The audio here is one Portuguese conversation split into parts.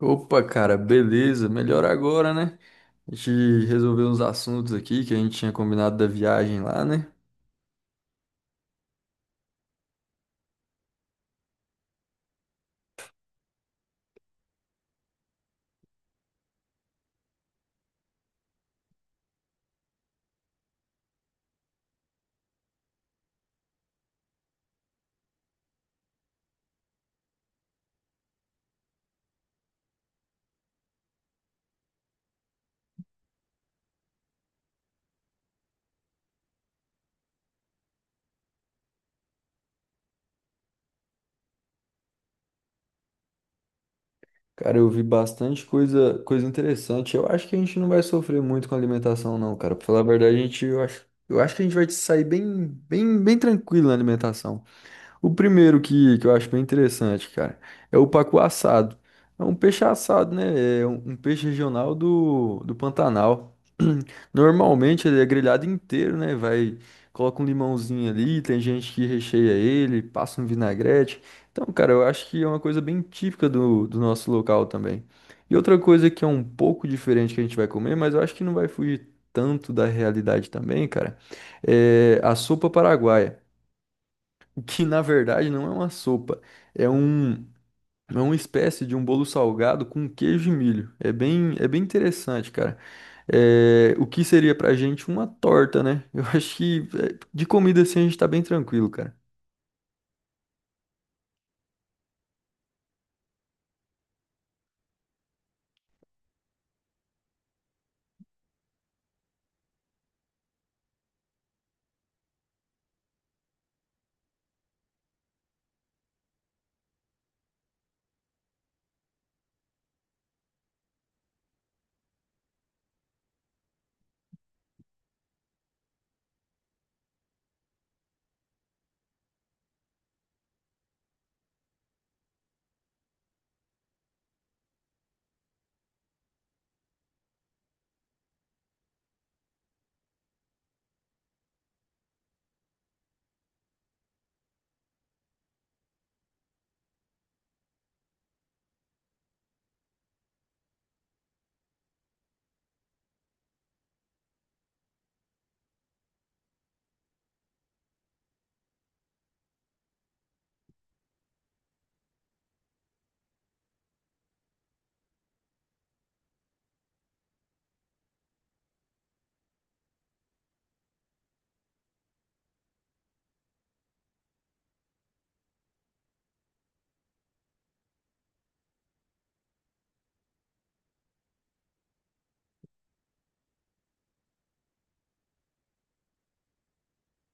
Opa, cara, beleza, melhor agora, né? A gente resolveu uns assuntos aqui que a gente tinha combinado da viagem lá, né? Cara, eu vi bastante coisa interessante. Eu acho que a gente não vai sofrer muito com alimentação, não, cara. Pra falar a verdade, eu acho que a gente vai sair bem, bem, bem tranquilo na alimentação. O primeiro que eu acho bem interessante, cara, é o pacu assado. É um peixe assado, né? É um peixe regional do Pantanal. Normalmente ele é grelhado inteiro, né? Vai, coloca um limãozinho ali, tem gente que recheia ele, passa um vinagrete. Então, cara, eu acho que é uma coisa bem típica do nosso local também. E outra coisa que é um pouco diferente que a gente vai comer, mas eu acho que não vai fugir tanto da realidade também, cara, é a sopa paraguaia que na verdade não é uma sopa, é um é uma espécie de um bolo salgado com queijo e milho. É bem interessante, cara. É, o que seria pra gente uma torta, né? Eu acho que é, de comida assim a gente tá bem tranquilo, cara.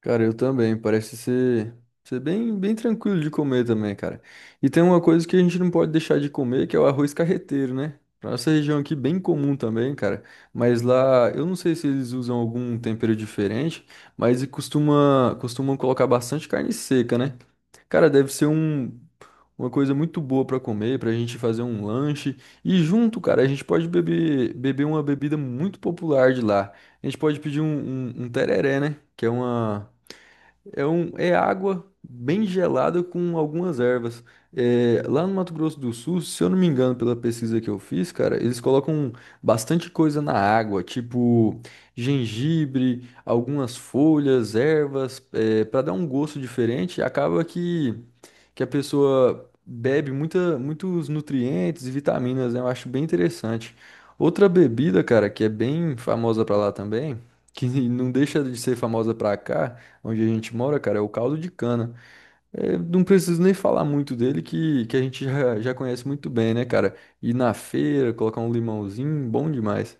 Cara, eu também. Parece ser bem, bem tranquilo de comer também, cara. E tem uma coisa que a gente não pode deixar de comer, que é o arroz carreteiro, né? Pra nossa região aqui, bem comum também, cara. Mas lá, eu não sei se eles usam algum tempero diferente, mas e costumam colocar bastante carne seca, né? Cara, deve ser uma coisa muito boa pra comer, pra gente fazer um lanche. E junto, cara, a gente pode beber uma bebida muito popular de lá. A gente pode pedir um tereré, né? Que é uma. É água bem gelada com algumas ervas. É, lá no Mato Grosso do Sul, se eu não me engano, pela pesquisa que eu fiz, cara, eles colocam bastante coisa na água, tipo gengibre, algumas folhas, ervas, é, para dar um gosto diferente. Acaba que a pessoa bebe muitos nutrientes e vitaminas, né? Eu acho bem interessante. Outra bebida, cara, que é bem famosa pra lá também, que não deixa de ser famosa pra cá, onde a gente mora, cara, é o caldo de cana. É, não preciso nem falar muito dele, que a gente já conhece muito bem, né, cara? Ir na feira, colocar um limãozinho, bom demais.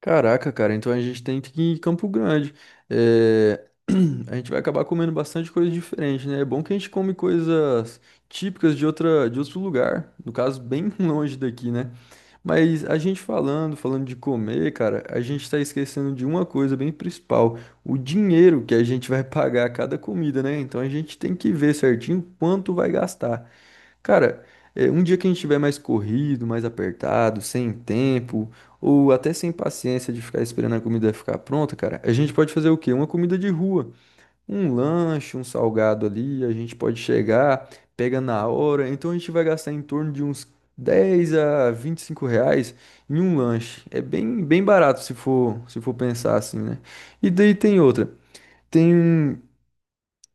Caraca, cara, então a gente tem que ir em Campo Grande. É, a gente vai acabar comendo bastante coisa diferente, né? É bom que a gente come coisas típicas de outro lugar, no caso, bem longe daqui, né? Mas a gente falando de comer, cara, a gente tá esquecendo de uma coisa bem principal, o dinheiro que a gente vai pagar a cada comida, né? Então a gente tem que ver certinho quanto vai gastar. Cara, é, um dia que a gente tiver mais corrido, mais apertado, sem tempo, ou até sem paciência de ficar esperando a comida ficar pronta, cara, a gente pode fazer o quê? Uma comida de rua. Um lanche, um salgado ali, a gente pode chegar, pega na hora. Então a gente vai gastar em torno de uns R$ 10 a R$ 25 em um lanche. É bem, bem barato se for pensar assim, né? E daí tem outra. Tem um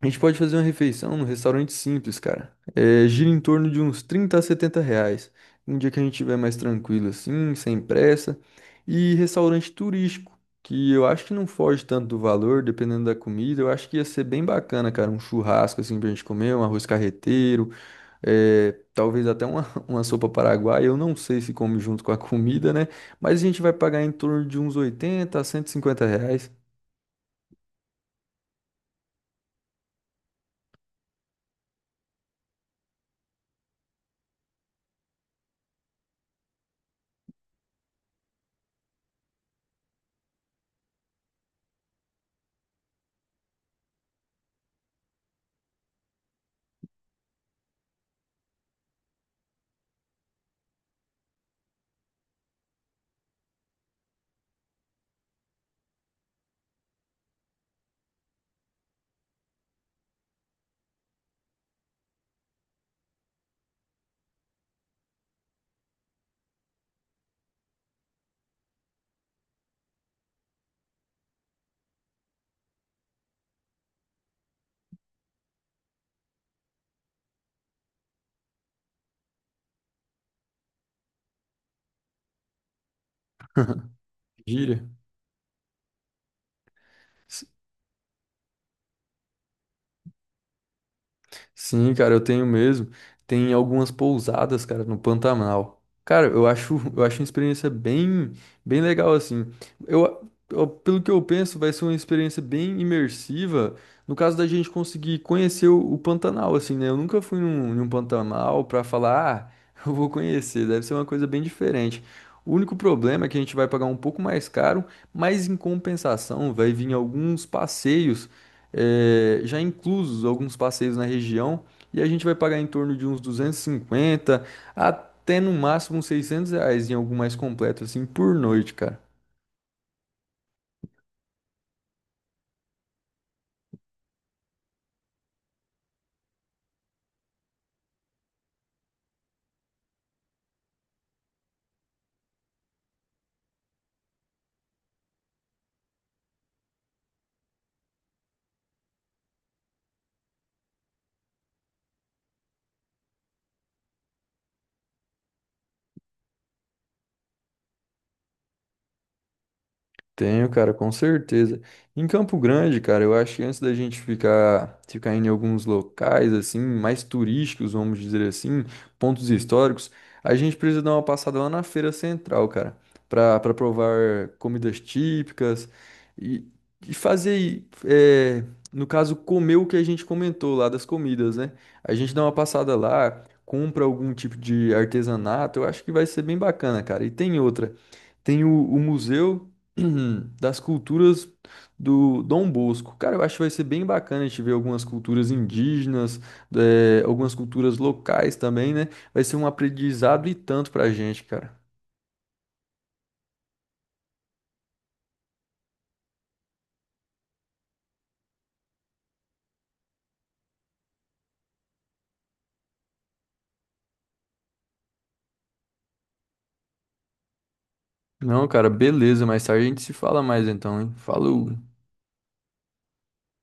a gente pode fazer uma refeição num restaurante simples, cara. É, gira em torno de uns R$ 30 a R$ 70. Um dia que a gente estiver mais tranquilo assim, sem pressa. E restaurante turístico, que eu acho que não foge tanto do valor, dependendo da comida. Eu acho que ia ser bem bacana, cara. Um churrasco assim pra gente comer, um arroz carreteiro, é, talvez até uma, uma sopa paraguaia. Eu não sei se come junto com a comida, né? Mas a gente vai pagar em torno de uns R$ 80 a R$ 150. Gira. Sim, cara, eu tenho mesmo. Tem algumas pousadas, cara, no Pantanal. Cara, eu acho, eu acho uma experiência bem, bem legal assim. Pelo que eu penso, vai ser uma experiência bem imersiva, no caso da gente conseguir conhecer o Pantanal assim, né? Eu nunca fui num Pantanal pra falar, ah, eu vou conhecer, deve ser uma coisa bem diferente. O único problema é que a gente vai pagar um pouco mais caro, mas em compensação vai vir já inclusos alguns passeios na região, e a gente vai pagar em torno de uns 250 até no máximo uns R$ 600 em algo mais completo, assim, por noite, cara. Tenho, cara, com certeza. Em Campo Grande, cara, eu acho que antes da gente ficar indo em alguns locais, assim, mais turísticos, vamos dizer assim, pontos históricos, a gente precisa dar uma passada lá na Feira Central, cara, pra provar comidas típicas e, e fazer, é, no caso, comer o que a gente comentou lá das comidas, né? A gente dá uma passada lá, compra algum tipo de artesanato, eu acho que vai ser bem bacana, cara. E tem outra. Tem o Museu das Culturas do Dom Bosco. Cara, eu acho que vai ser bem bacana a gente ver algumas culturas indígenas, algumas culturas locais também, né? Vai ser um aprendizado e tanto pra gente, cara. Não, cara, beleza. Mais tarde a gente se fala mais então, hein? Falou.